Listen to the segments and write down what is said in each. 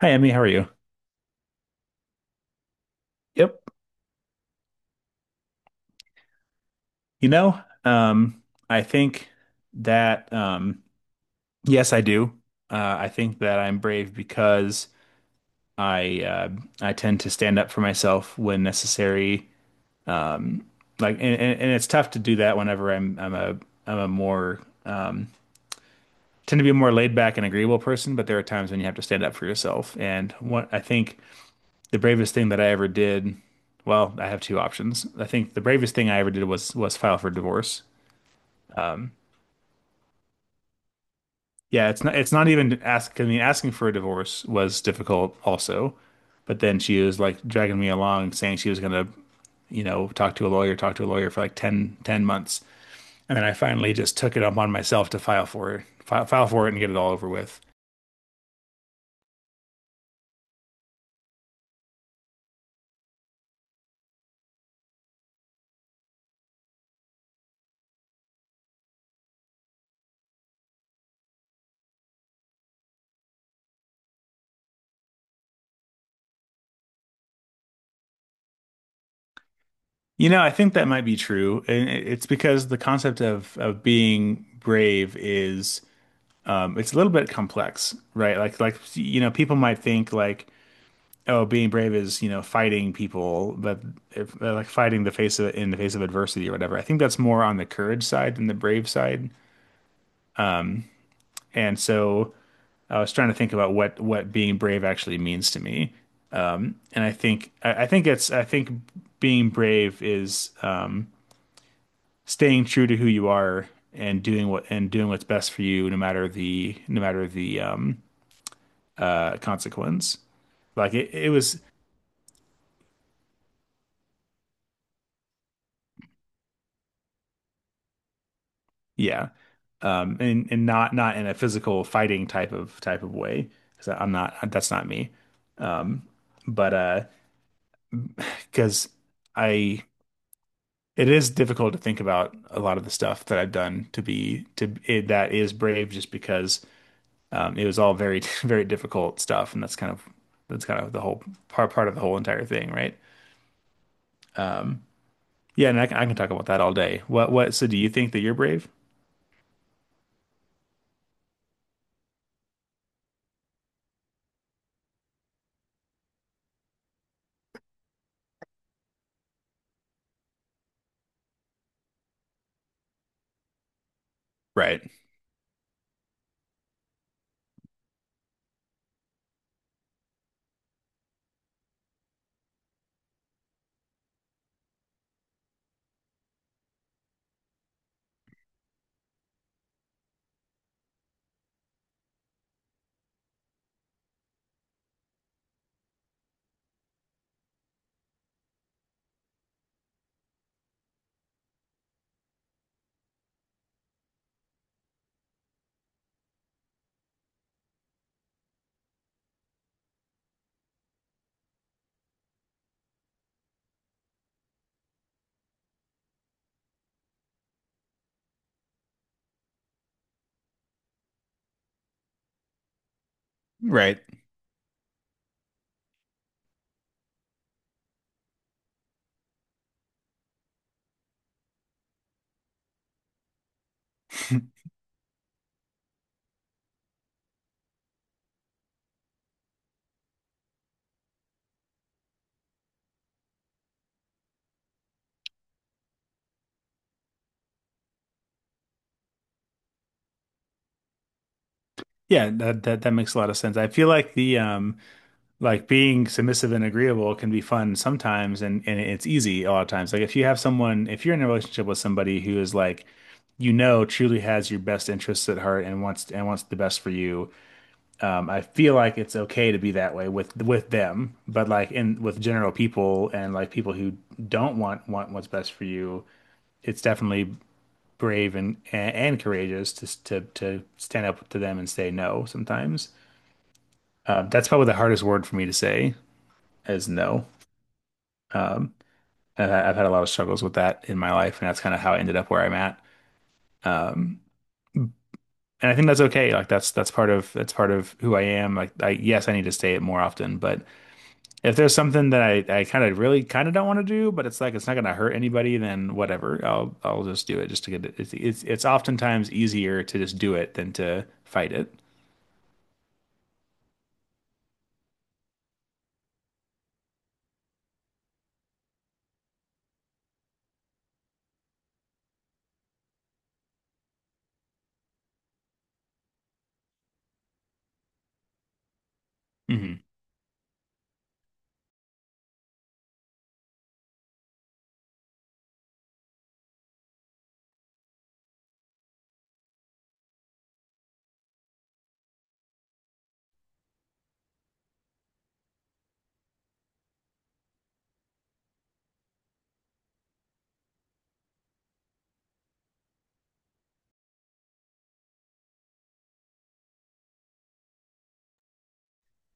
Hi, Emmy. How are you? Yep. You know, um, I think that yes, I do. I think that I'm brave because I uh, I tend to stand up for myself when necessary. Um, like, and it's tough to do that whenever I'm a more tend to be a more laid back and agreeable person. But there are times when you have to stand up for yourself. And what I think the bravest thing that I ever did, well, I have two options. I think the bravest thing I ever did was file for divorce. Yeah, it's not even ask I mean asking for a divorce was difficult also. But then she was like dragging me along saying she was gonna, talk to a lawyer, for like 10 months. And then I finally just took it upon myself to file for it, file, file for it and get it all over with. I think that might be true. And it's because the concept of being brave is it's a little bit complex, right? Like, people might think, like, oh, being brave is, fighting people, but if, like fighting the face of in the face of adversity or whatever. I think that's more on the courage side than the brave side. And so I was trying to think about what being brave actually means to me. And I think it's I think being brave is staying true to who you are and doing what's best for you, no matter the consequence. Like it was. Yeah. And not in a physical fighting type of way, because I'm not that's not me. Um, but because I it is difficult to think about a lot of the stuff that I've done to be that is brave, just because it was all very very difficult stuff, and that's kind of the whole part of the whole entire thing, right? Yeah, and I can talk about that all day. What? So do you think that you're brave? Right. Right. Yeah, that makes a lot of sense. I feel like the like being submissive and agreeable can be fun sometimes, and it's easy a lot of times. Like, if you're in a relationship with somebody who is like, truly has your best interests at heart and wants the best for you, I feel like it's okay to be that way with them. But, like, in with general people and, like, people who don't want what's best for you, it's definitely brave and courageous to stand up to them and say no sometimes. That's probably the hardest word for me to say, is no. Um, and I've had a lot of struggles with that in my life, and that's kind of how I ended up where I'm at. Um, and I think that's okay. Like, that's part of who I am. Like, I yes, I need to stay it more often, but if there's something that I kind of really kind of don't want to do, but it's, like, it's not going to hurt anybody, then whatever. I'll just do it just to get it. It's oftentimes easier to just do it than to fight it. Hmm.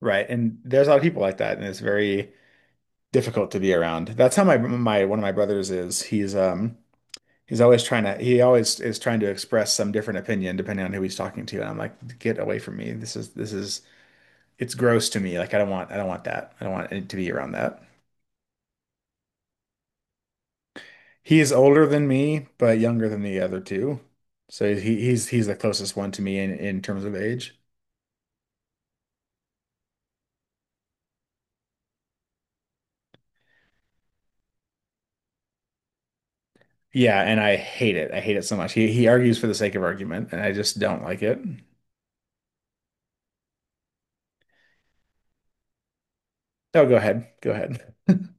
Right. And there's a lot of people like that, and it's very difficult to be around. That's how my one of my brothers is. He always is trying to express some different opinion depending on who he's talking to. And I'm like, get away from me. It's gross to me. Like, I don't want that. I don't want it to be around that. He is older than me, but younger than the other two. So he's the closest one to me in terms of age. Yeah. And I hate it. I hate it so much. He argues for the sake of argument, and I just don't like it. No, go ahead. Go ahead.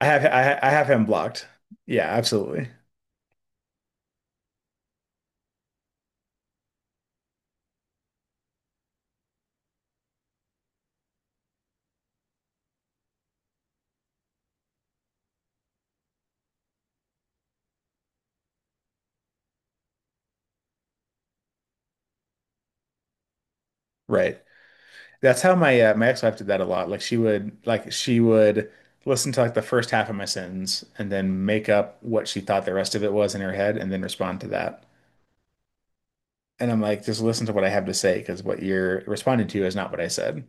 I have him blocked. Yeah, absolutely. Right. That's how my ex-wife did that a lot. Like, she would listen to, like, the first half of my sentence and then make up what she thought the rest of it was in her head and then respond to that. And I'm like, just listen to what I have to say, because what you're responding to is not what I said,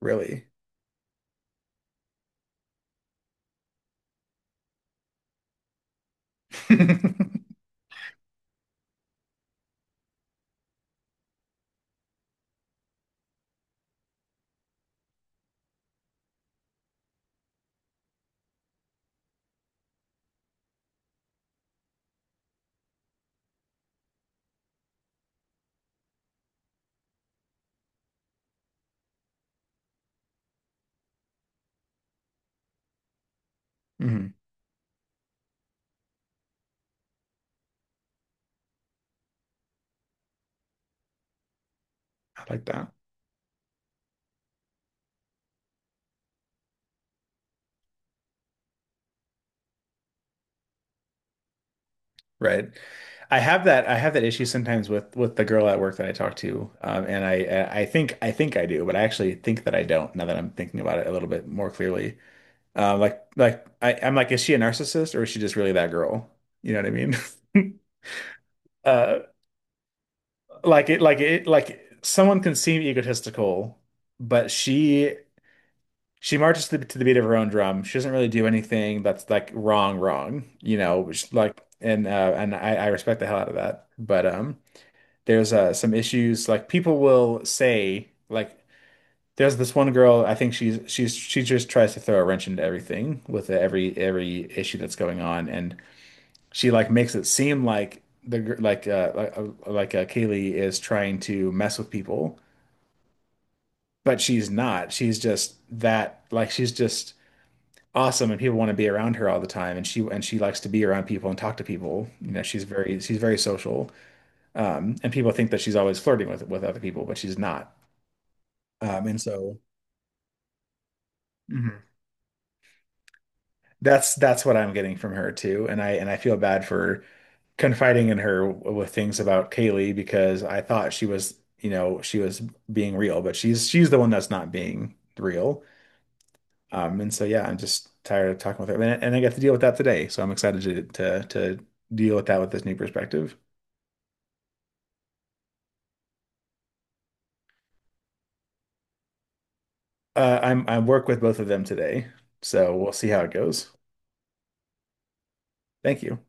really. I like that. Right. I have that issue sometimes with the girl at work that I talk to. And I think I do, but I actually think that I don't, now that I'm thinking about it a little bit more clearly. Like I'm like, is she a narcissist, or is she just really that girl? You know what I mean? Uh, like, someone can seem egotistical, but she marches to the, beat of her own drum. She doesn't really do anything that's, like, wrong, wrong. You know, which like And I respect the hell out of that. But there's some issues, like people will say, like. There's this one girl, I think she just tries to throw a wrench into everything with every issue that's going on, and she, like, makes it seem like, the gir- like Kaylee is trying to mess with people, but she's not. She's just awesome, and people want to be around her all the time, and she likes to be around people and talk to people. She's very social. And people think that she's always flirting with other people, but she's not. And so. Mhm. That's what I'm getting from her too. And I feel bad for confiding in her with things about Kaylee, because I thought she was being real, but she's the one that's not being real. And so, yeah, I'm just tired of talking with her, and I got to deal with that today. So I'm excited to deal with that with this new perspective. I work with both of them today, so we'll see how it goes. Thank you.